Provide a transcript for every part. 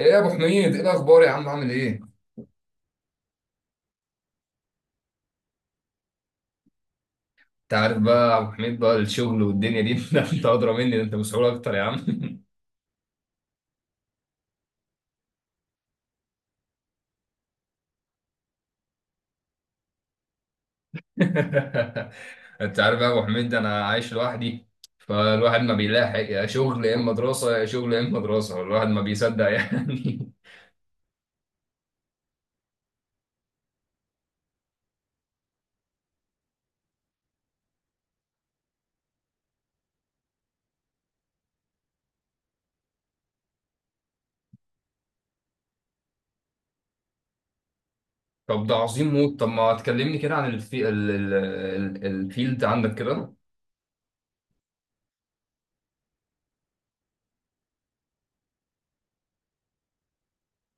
ايه يا ابو حميد، ايه الاخبار يا عم، عامل ايه؟ انت عارف بقى يا ابو حميد، بقى الشغل والدنيا دي ده انت ادرى مني، ده انت مسؤول اكتر يا عم. انت عارف بقى يا ابو حميد، انا عايش لوحدي، فالواحد ما بيلاحق، يا شغل يا اما دراسه، يا شغل يا اما دراسه، الواحد ما بيصدق يعني. طب ده عظيم موت، طب ما تكلمني كده عن الفيلد عندك كده.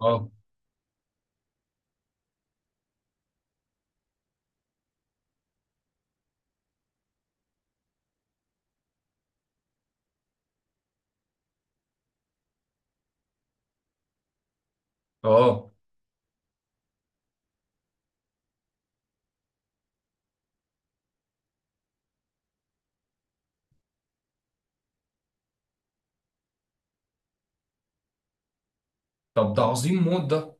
اه. اه. طب ده عظيم موت ده.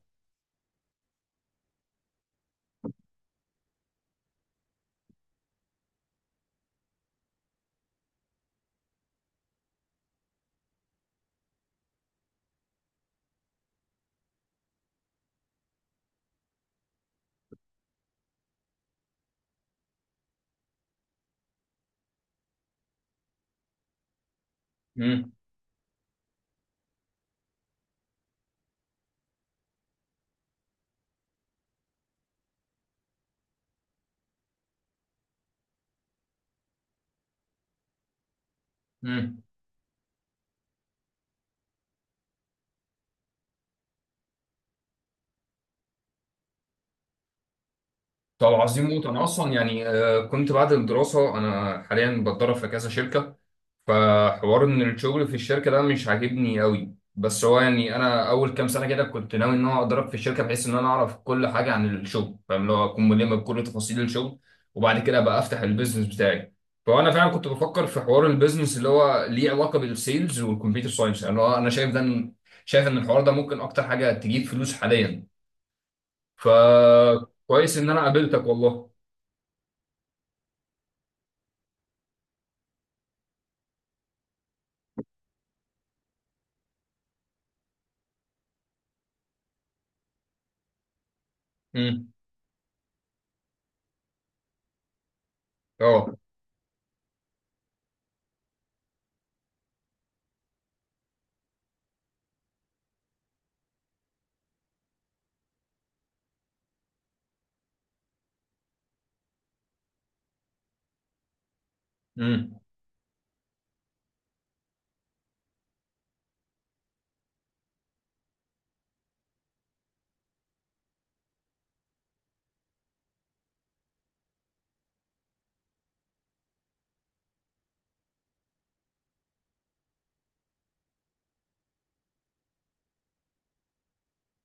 امم. طب عظيم موت، انا اصلا يعني كنت بعد الدراسه انا حاليا بتدرب في كذا شركه، فحوار ان الشغل في الشركه ده مش عاجبني قوي، بس هو يعني انا اول كام سنه كده كنت ناوي ان انا اتدرب في الشركه بحيث ان انا اعرف كل حاجه عن الشغل، فاهم، اللي هو اكون ملم بكل تفاصيل الشغل، وبعد كده ابقى افتح البيزنس بتاعي. فانا فعلا كنت بفكر في حوار البيزنس اللي هو ليه علاقه بالسيلز والكمبيوتر ساينس، يعني هو انا شايف ده، شايف ان الحوار ده ممكن اكتر حاجه تجيب فلوس حاليا. فكويس ان انا قابلتك والله. امم. اه. امم.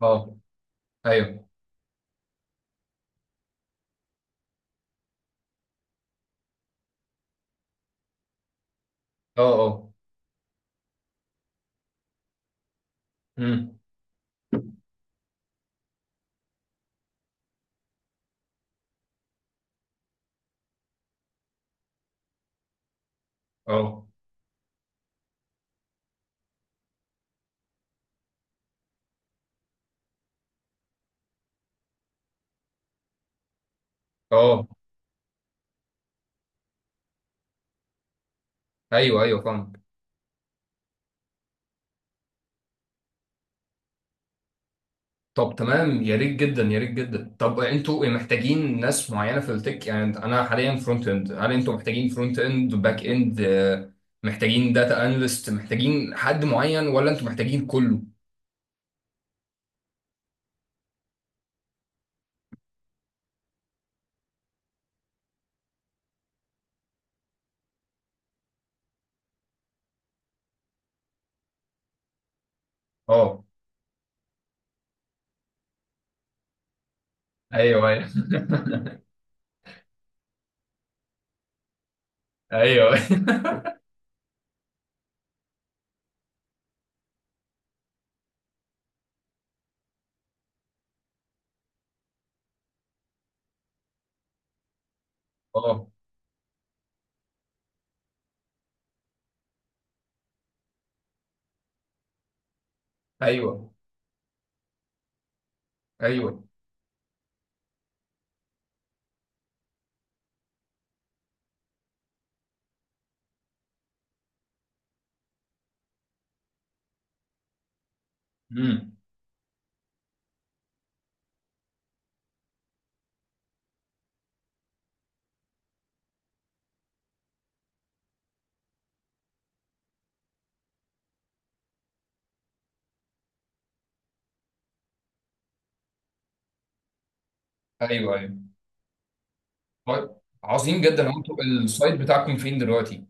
اه. ايوه. اه. اه. امم. اه. اه. ايوه، ايوه فاهم. طب تمام، يا ريت جدا، يا ريت جدا. طب انتوا محتاجين ناس معينه في التك، يعني انا حاليا فرونت اند، هل انتوا محتاجين فرونت اند باك اند، محتاجين داتا اناليست، محتاجين حد معين، ولا انتوا محتاجين كله؟ اه. ايوه، ايوه. ايوه. اه. ايوه، ايوه. امم. ايوه، ايوه. طيب، عظيم جدا، هو انتوا السايت بتاعكم فين دلوقتي؟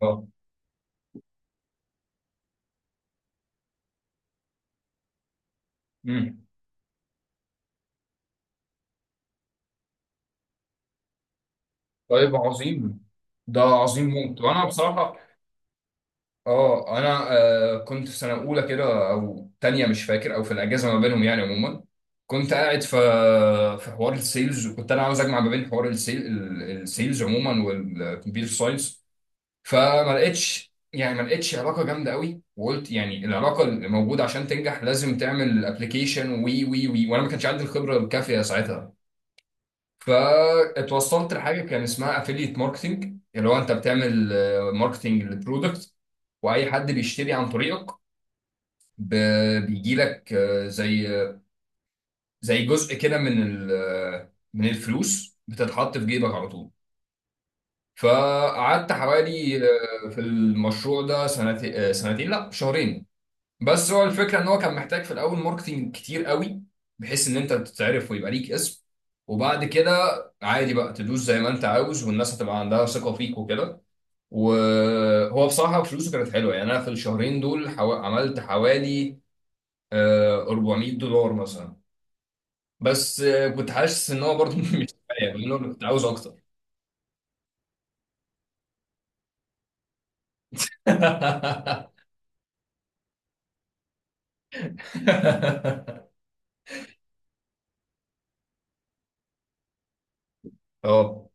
اه. طيب عظيم، ده عظيم موت، وانا بصراحه اه، انا كنت في سنه اولى كده او تانية مش فاكر، او في الاجازه ما بينهم يعني عموما، كنت قاعد في في حوار السيلز، وكنت انا عاوز اجمع ما بين حوار السيلز عموما والكمبيوتر ساينس. فما لقيتش يعني ما لقيتش علاقه جامده قوي، وقلت يعني العلاقه اللي موجوده عشان تنجح لازم تعمل ابلكيشن وي وي وي وانا ما كانش عندي الخبره الكافيه ساعتها. فاتوصلت لحاجه كان اسمها افيليت ماركتنج، اللي هو انت بتعمل ماركتنج للبرودكت، واي حد بيشتري عن طريقك بيجي لك زي جزء كده من من الفلوس بتتحط في جيبك على طول. فقعدت حوالي في المشروع ده سنتين، سنتين لا شهرين. بس هو الفكره ان هو كان محتاج في الاول ماركتينج كتير قوي، بحيث ان انت تتعرف ويبقى ليك اسم، وبعد كده عادي بقى تدوس زي ما انت عاوز، والناس هتبقى عندها ثقه فيك وكده. وهو بصراحه فلوسه كانت حلوه، يعني انا في الشهرين دول عملت حوالي $400 مثلا، بس كنت حاسس ان هو برضه مش كفايه، لأن أنا كنت عاوز اكتر. اه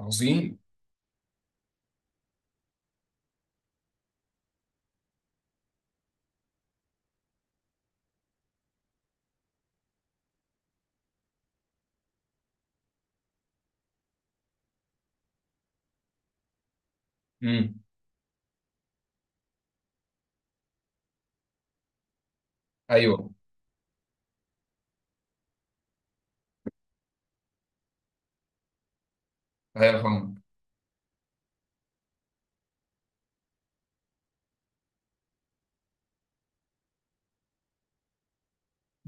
عظيم. امم. ايوه، ايوه فاهم.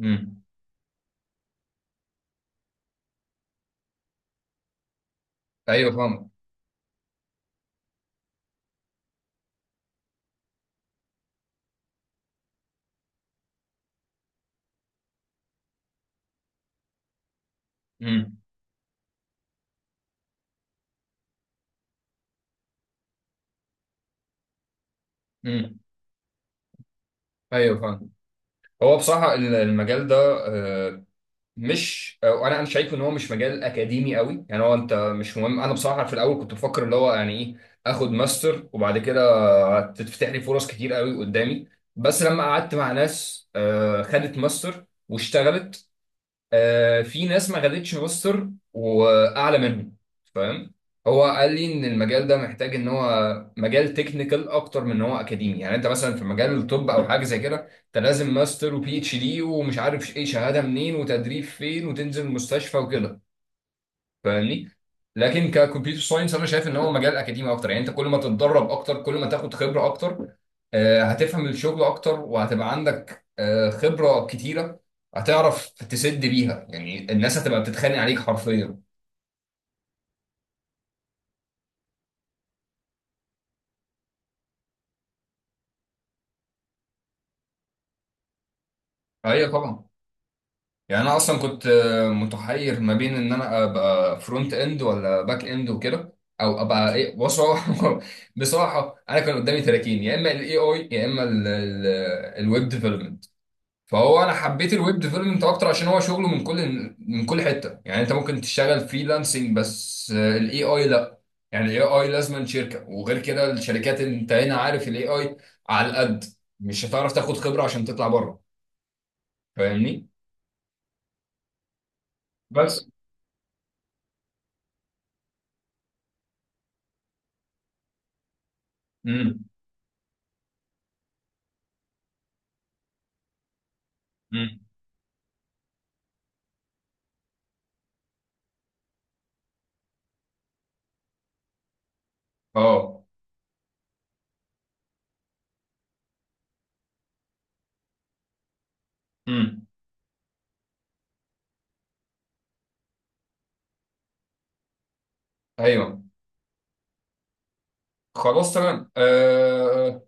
امم. ايوه فاهم. امم. ايوه فاهم. هو بصراحه المجال ده آه، مش انا شايف ان هو مش مجال اكاديمي قوي، يعني هو انت مش مهم، انا بصراحه في الاول كنت بفكر اللي هو يعني ايه، اخد ماستر وبعد كده تتفتح لي فرص كتير قوي قدامي. بس لما قعدت مع ناس خدت ماستر واشتغلت، في ناس ما خدتش روستر واعلى منه، فاهم. هو قال لي ان المجال ده محتاج ان هو مجال تكنيكال اكتر من ان هو اكاديمي. يعني انت مثلا في مجال الطب او حاجه زي كده، انت لازم ماستر وبي اتش دي، ومش عارف ايه شهاده منين، وتدريب فين، وتنزل المستشفى وكده، فاهمني. لكن ككمبيوتر ساينس انا شايف ان هو مجال اكاديمي اكتر، يعني انت كل ما تتدرب اكتر كل ما تاخد خبره اكتر، هتفهم الشغل اكتر، وهتبقى عندك خبره كتيره، هتعرف تسد بيها. يعني الناس هتبقى بتتخانق عليك حرفيا. ايوه طبعا. يعني انا اصلا كنت متحير ما بين ان انا ابقى فرونت اند ولا باك اند وكده، او ابقى ايه بصراحه. بصراحه انا كان قدامي 30، يا اما الاي اي يا اما الويب ديفلوبمنت، فهو انا حبيت الويب ديفلوبمنت اكتر عشان هو شغله من كل حته. يعني انت ممكن تشتغل فريلانسنج بس الاي اي لا. يعني الاي اي لازم شركه، وغير كده الشركات انت هنا عارف الاي اي على القد، مش هتعرف تاخد خبره عشان تطلع بره، فاهمني. بس. امم. امم. اه. امم. ايوه، خلاص تمام.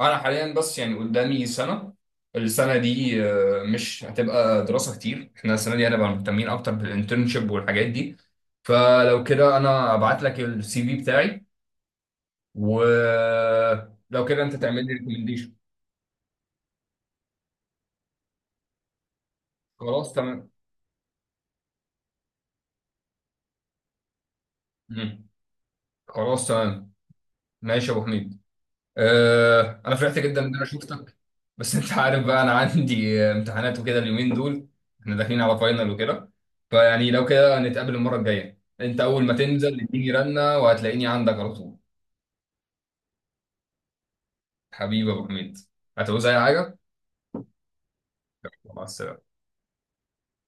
انا حاليا بس يعني قدامي سنه، السنه دي مش هتبقى دراسه كتير، احنا السنه دي هنبقى مهتمين اكتر بالانترنشيب والحاجات دي، فلو كده انا ابعت لك السي في بتاعي، ولو كده انت تعمل لي ريكومنديشن. خلاص تمام. مم. خلاص تمام. ماشي يا ابو حميد، انا فرحت جدا ان انا شفتك، بس انت عارف بقى انا عندي امتحانات وكده اليومين دول، احنا داخلين على فاينل وكده، فيعني لو كده نتقابل المره الجايه، انت اول ما تنزل اديني رنه وهتلاقيني عندك على طول. حبيبي يا ابو حميد، هتعوز اي حاجه؟ مع السلامه.